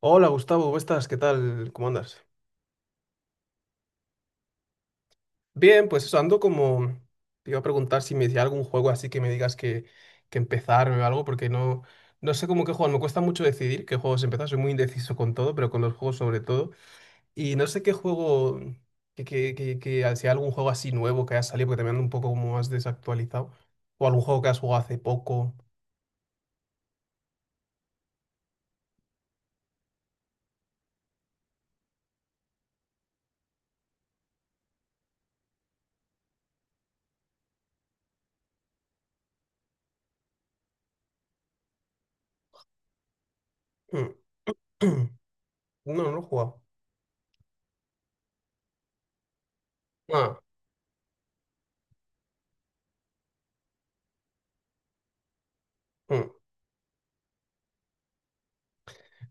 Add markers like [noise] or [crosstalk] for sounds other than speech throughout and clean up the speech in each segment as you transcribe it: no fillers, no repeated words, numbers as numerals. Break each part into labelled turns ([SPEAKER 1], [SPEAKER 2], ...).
[SPEAKER 1] Hola Gustavo, ¿cómo estás? ¿Qué tal? ¿Cómo andas? Bien, pues eso, ando como... Te iba a preguntar si me decía algún juego así que me digas que empezar o algo, porque no, no sé cómo qué juego, me cuesta mucho decidir qué juegos empezar, soy muy indeciso con todo, pero con los juegos sobre todo. Y no sé qué juego, si hay algún juego así nuevo que haya salido, porque también ando un poco como más desactualizado, o algún juego que has jugado hace poco. Mm, [clears throat] No, no lo he jugado. Ah, mm.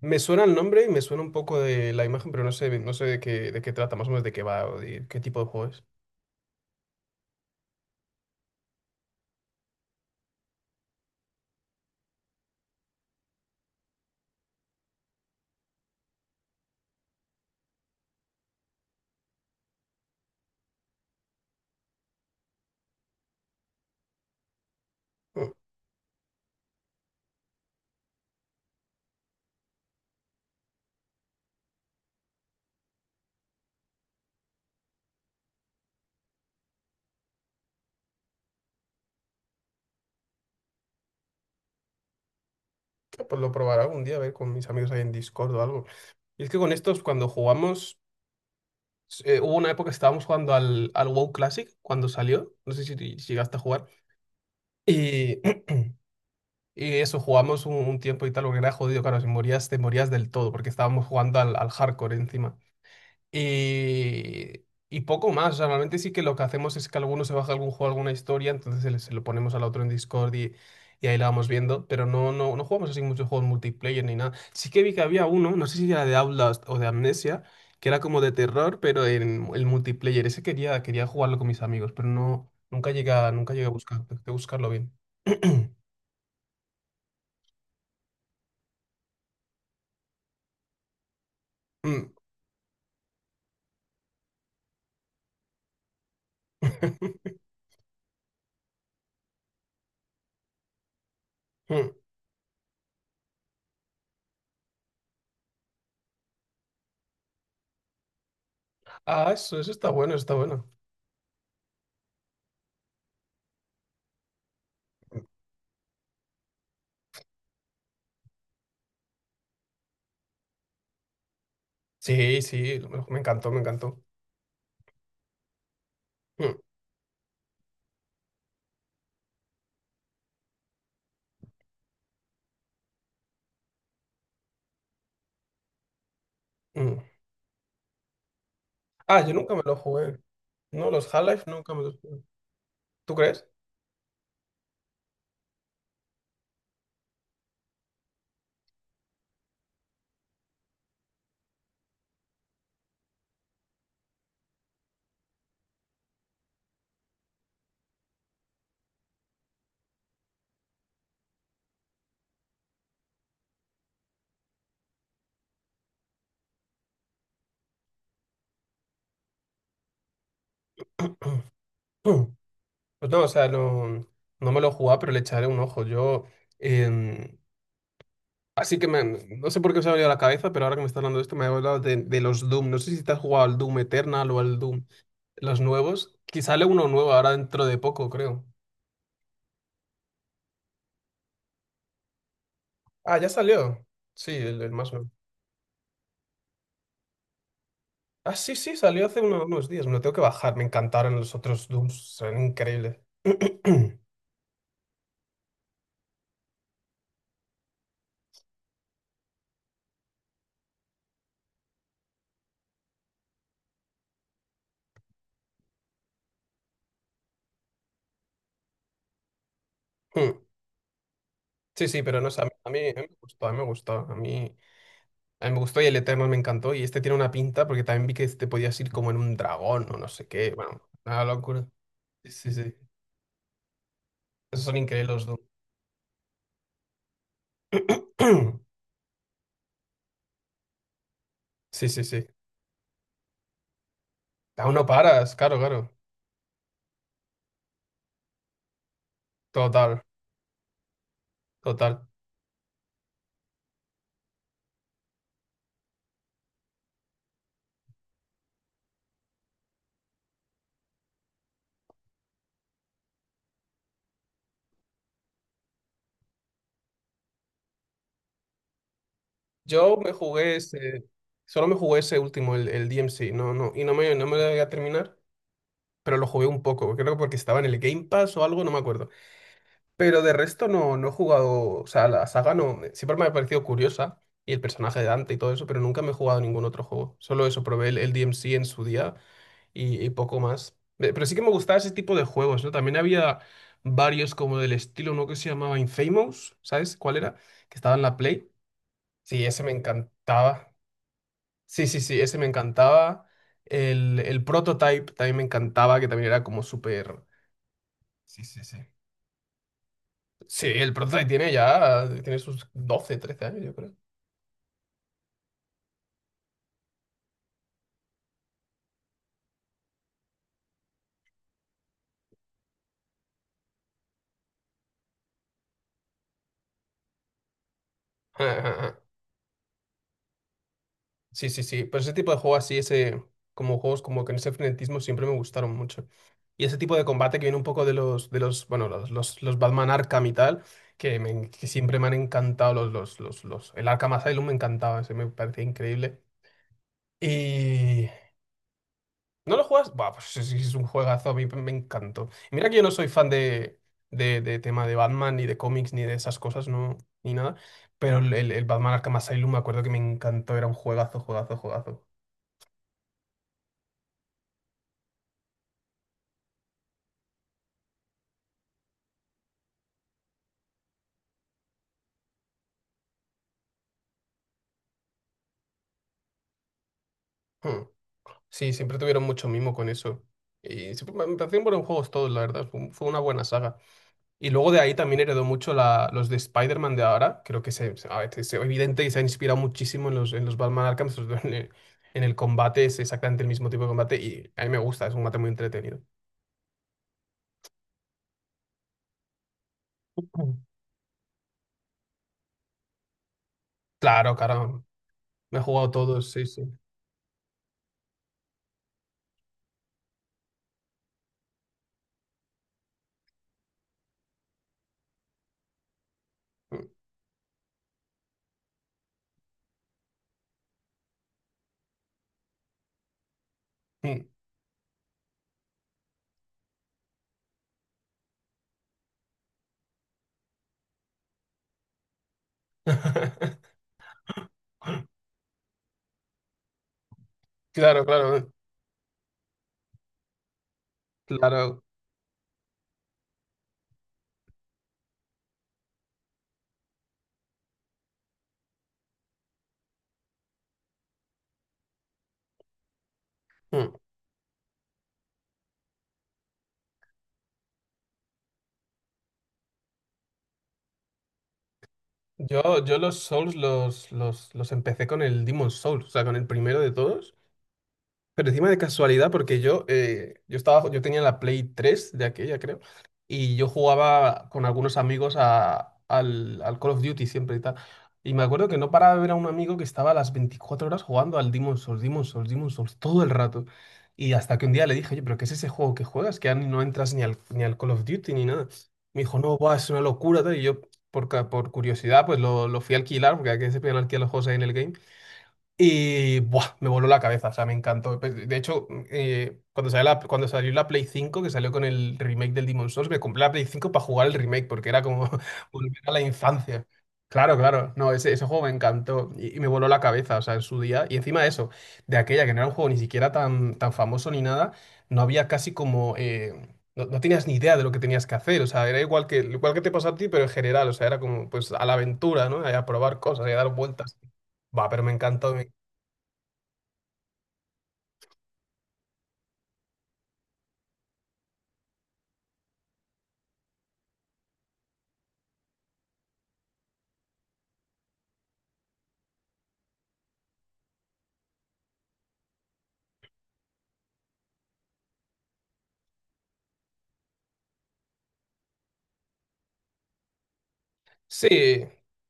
[SPEAKER 1] Me suena el nombre y me suena un poco de la imagen, pero no sé, no sé de qué trata, más o menos de qué va o de qué tipo de juego es. Mm. Pues lo probaré algún día, a ver con mis amigos ahí en Discord o algo. Y es que con estos, cuando jugamos, hubo una época que estábamos jugando al WoW Classic cuando salió, no sé si, si llegaste a jugar, y [clears throat] y eso, jugamos un tiempo y tal, porque era jodido, claro, si morías, te morías del todo, porque estábamos jugando al hardcore encima. Y, y poco más. O sea, normalmente sí que lo que hacemos es que alguno se baja algún juego, alguna historia, entonces se lo ponemos al otro en Discord y ahí la vamos viendo. Pero no, no, no jugamos así muchos juegos multiplayer ni nada. Sí que vi que había uno, no sé si era de Outlast o de Amnesia, que era como de terror, pero en el multiplayer. Ese quería, quería jugarlo con mis amigos, pero no, nunca llegué a, nunca llegué a buscar, a buscarlo bien. [clears throat] Mm. [laughs] Mm. Ah, eso está bueno, está bueno. Sí, sí, me encantó, me encantó. Mm, mm. Ah, yo nunca me lo jugué. No, los Half-Life nunca me los jugué. ¿Tú crees? Mm. Pues no, o sea, no, no me lo jugaba, pero le echaré un ojo. Yo, em, así que me, no sé por qué se me ha venido a la cabeza, pero ahora que me estás hablando de esto, me ha hablado de los Doom. No sé si te has jugado al Doom Eternal o al Doom, los nuevos. Que sale uno nuevo ahora dentro de poco, creo. Ah, ya salió. Sí, el más nuevo. Ah, sí, sí, salió hace uno- unos días. Me lo tengo que bajar. Me encantaron los otros Dooms. Son increíbles. [clears throat] Sí, sí, pero no sé, a mí, a mí me gustó, a mí me gustó, a mí me gustó y el Eternal me encantó y este tiene una pinta porque también vi que te podías ir como en un dragón o no sé qué, bueno, una locura. Sí, sí, sí, esos son increíbles los Doom. [clears throat] Sí, sí, sí, aún no paras, claro, claro, total, total. Yo me jugué ese, solo me jugué ese último, el DMC no, no, y no me, no me lo voy a terminar, pero lo jugué un poco, creo que porque estaba en el Game Pass o algo, no me acuerdo. Pero de resto no, no he jugado, o sea, la saga no, me- siempre me ha parecido curiosa y el personaje de Dante y todo eso, pero nunca me he jugado ningún otro juego. Solo eso, probé el DMC en su día y poco más. Pero sí que me gustaba ese tipo de juegos, ¿no? También había varios como del estilo, ¿no? Que se llamaba Infamous, ¿sabes cuál era? Que estaba en la Play. Sí, ese me encantaba. Sí, sí, sí, ese me encantaba. El Prototype también me encantaba, que también era como súper... Sí, sí, sí. Sí, el Prototype tiene ya, tiene sus 12 13 años, yo creo. [laughs] Sí, sí, sí, pero ese tipo de juego así, ese, como juegos como con ese frenetismo siempre me gustaron mucho. Y ese tipo de combate que viene un poco de los, bueno, los Batman Arkham y tal, que, me que siempre me han encantado los, el Arkham Asylum me encantaba, ese me parecía increíble. Y ¿No lo juegas? Buah, pues es un juegazo, a mí me encantó. Y mira que yo no soy fan de tema de Batman, ni de cómics, ni de esas cosas, no, ni nada. Pero el Batman Arkham Asylum me acuerdo que me encantó, era un juegazo, juegazo, juegazo. Hmm. Sí, siempre tuvieron mucho mimo con eso. Y siempre me parecieron buenos juegos todos, la verdad. Fue, fue una buena saga. Y luego de ahí también heredó mucho la- los de Spider-Man de ahora. Creo que se- a ver, es evidente y se ha inspirado muchísimo en los Batman Arkham. Sobre todo en el, en el combate es exactamente el mismo tipo de combate y a mí me gusta, es un combate muy entretenido. Mm. Claro, claro. Me he jugado todos, sí, sí. Mm, mm. [laughs] Claro, claro, claro. Mm. Yo los Souls los empecé con el Demon Souls, o sea, con el primero de todos. Pero encima de casualidad, porque yo, yo estaba, yo tenía la Play 3 de aquella, creo, y yo jugaba con algunos amigos a- al Call of Duty siempre y tal. Y me acuerdo que no paraba de ver a un amigo que estaba a las 24 horas jugando al Demon's Souls, Demon's Souls, Demon's Souls, todo el rato. Y hasta que un día le dije, oye, pero ¿qué es ese juego que juegas? Que ya ni- no entras ni al, ni al Call of Duty ni nada. Me dijo, no, buah, es una locura, tal. Y yo, por curiosidad, pues lo fui a alquilar, porque aquí se podían alquilar los juegos ahí en el game. Y buah, me voló la cabeza, o sea, me encantó. Pues, de hecho, cuando salió la Play 5 que salió con el remake del Demon's Souls, me compré la Play 5 para jugar el remake, porque era como [laughs] volver a la infancia. Claro, claro, no, ese juego me encantó y me voló la cabeza, o sea, en su día. Y encima de eso, de aquella que no era un juego ni siquiera tan, tan famoso ni nada, no había casi como... no, no tenías ni idea de lo que tenías que hacer, o sea, era igual que te pasó a ti, pero en general, o sea, era como pues a la aventura, ¿no? A probar cosas, a dar vueltas. Va, pero me encantó. Sí,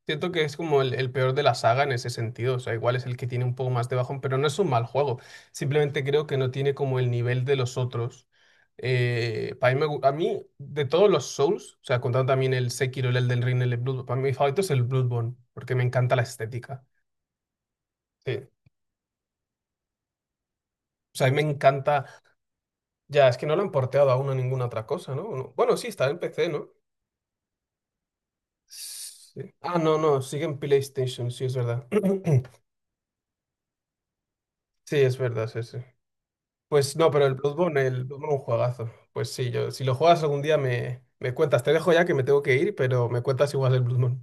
[SPEAKER 1] siento que es como el peor de la saga en ese sentido. O sea, igual es el que tiene un poco más de bajón, pero no es un mal juego. Simplemente creo que no tiene como el nivel de los otros. Para mí me gu- a mí, de todos los Souls, o sea, contando también el Sekiro, el Elden Ring, el Bloodborne, para mí mi favorito es el Bloodborne, porque me encanta la estética. Sí. O sea, a mí me encanta. Ya, es que no lo han porteado aún a ninguna otra cosa, ¿no? Bueno, sí, está en PC, ¿no? Sí. Ah, no, no, sigue en PlayStation, sí, es verdad. [clears throat] Sí, es verdad, sí, sí. Pues no, pero el Bloodborne es un juegazo. Pues sí, yo, si lo juegas algún día me, me cuentas. Te dejo ya que me tengo que ir, pero me cuentas si juegas el Bloodborne.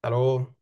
[SPEAKER 1] Hasta luego.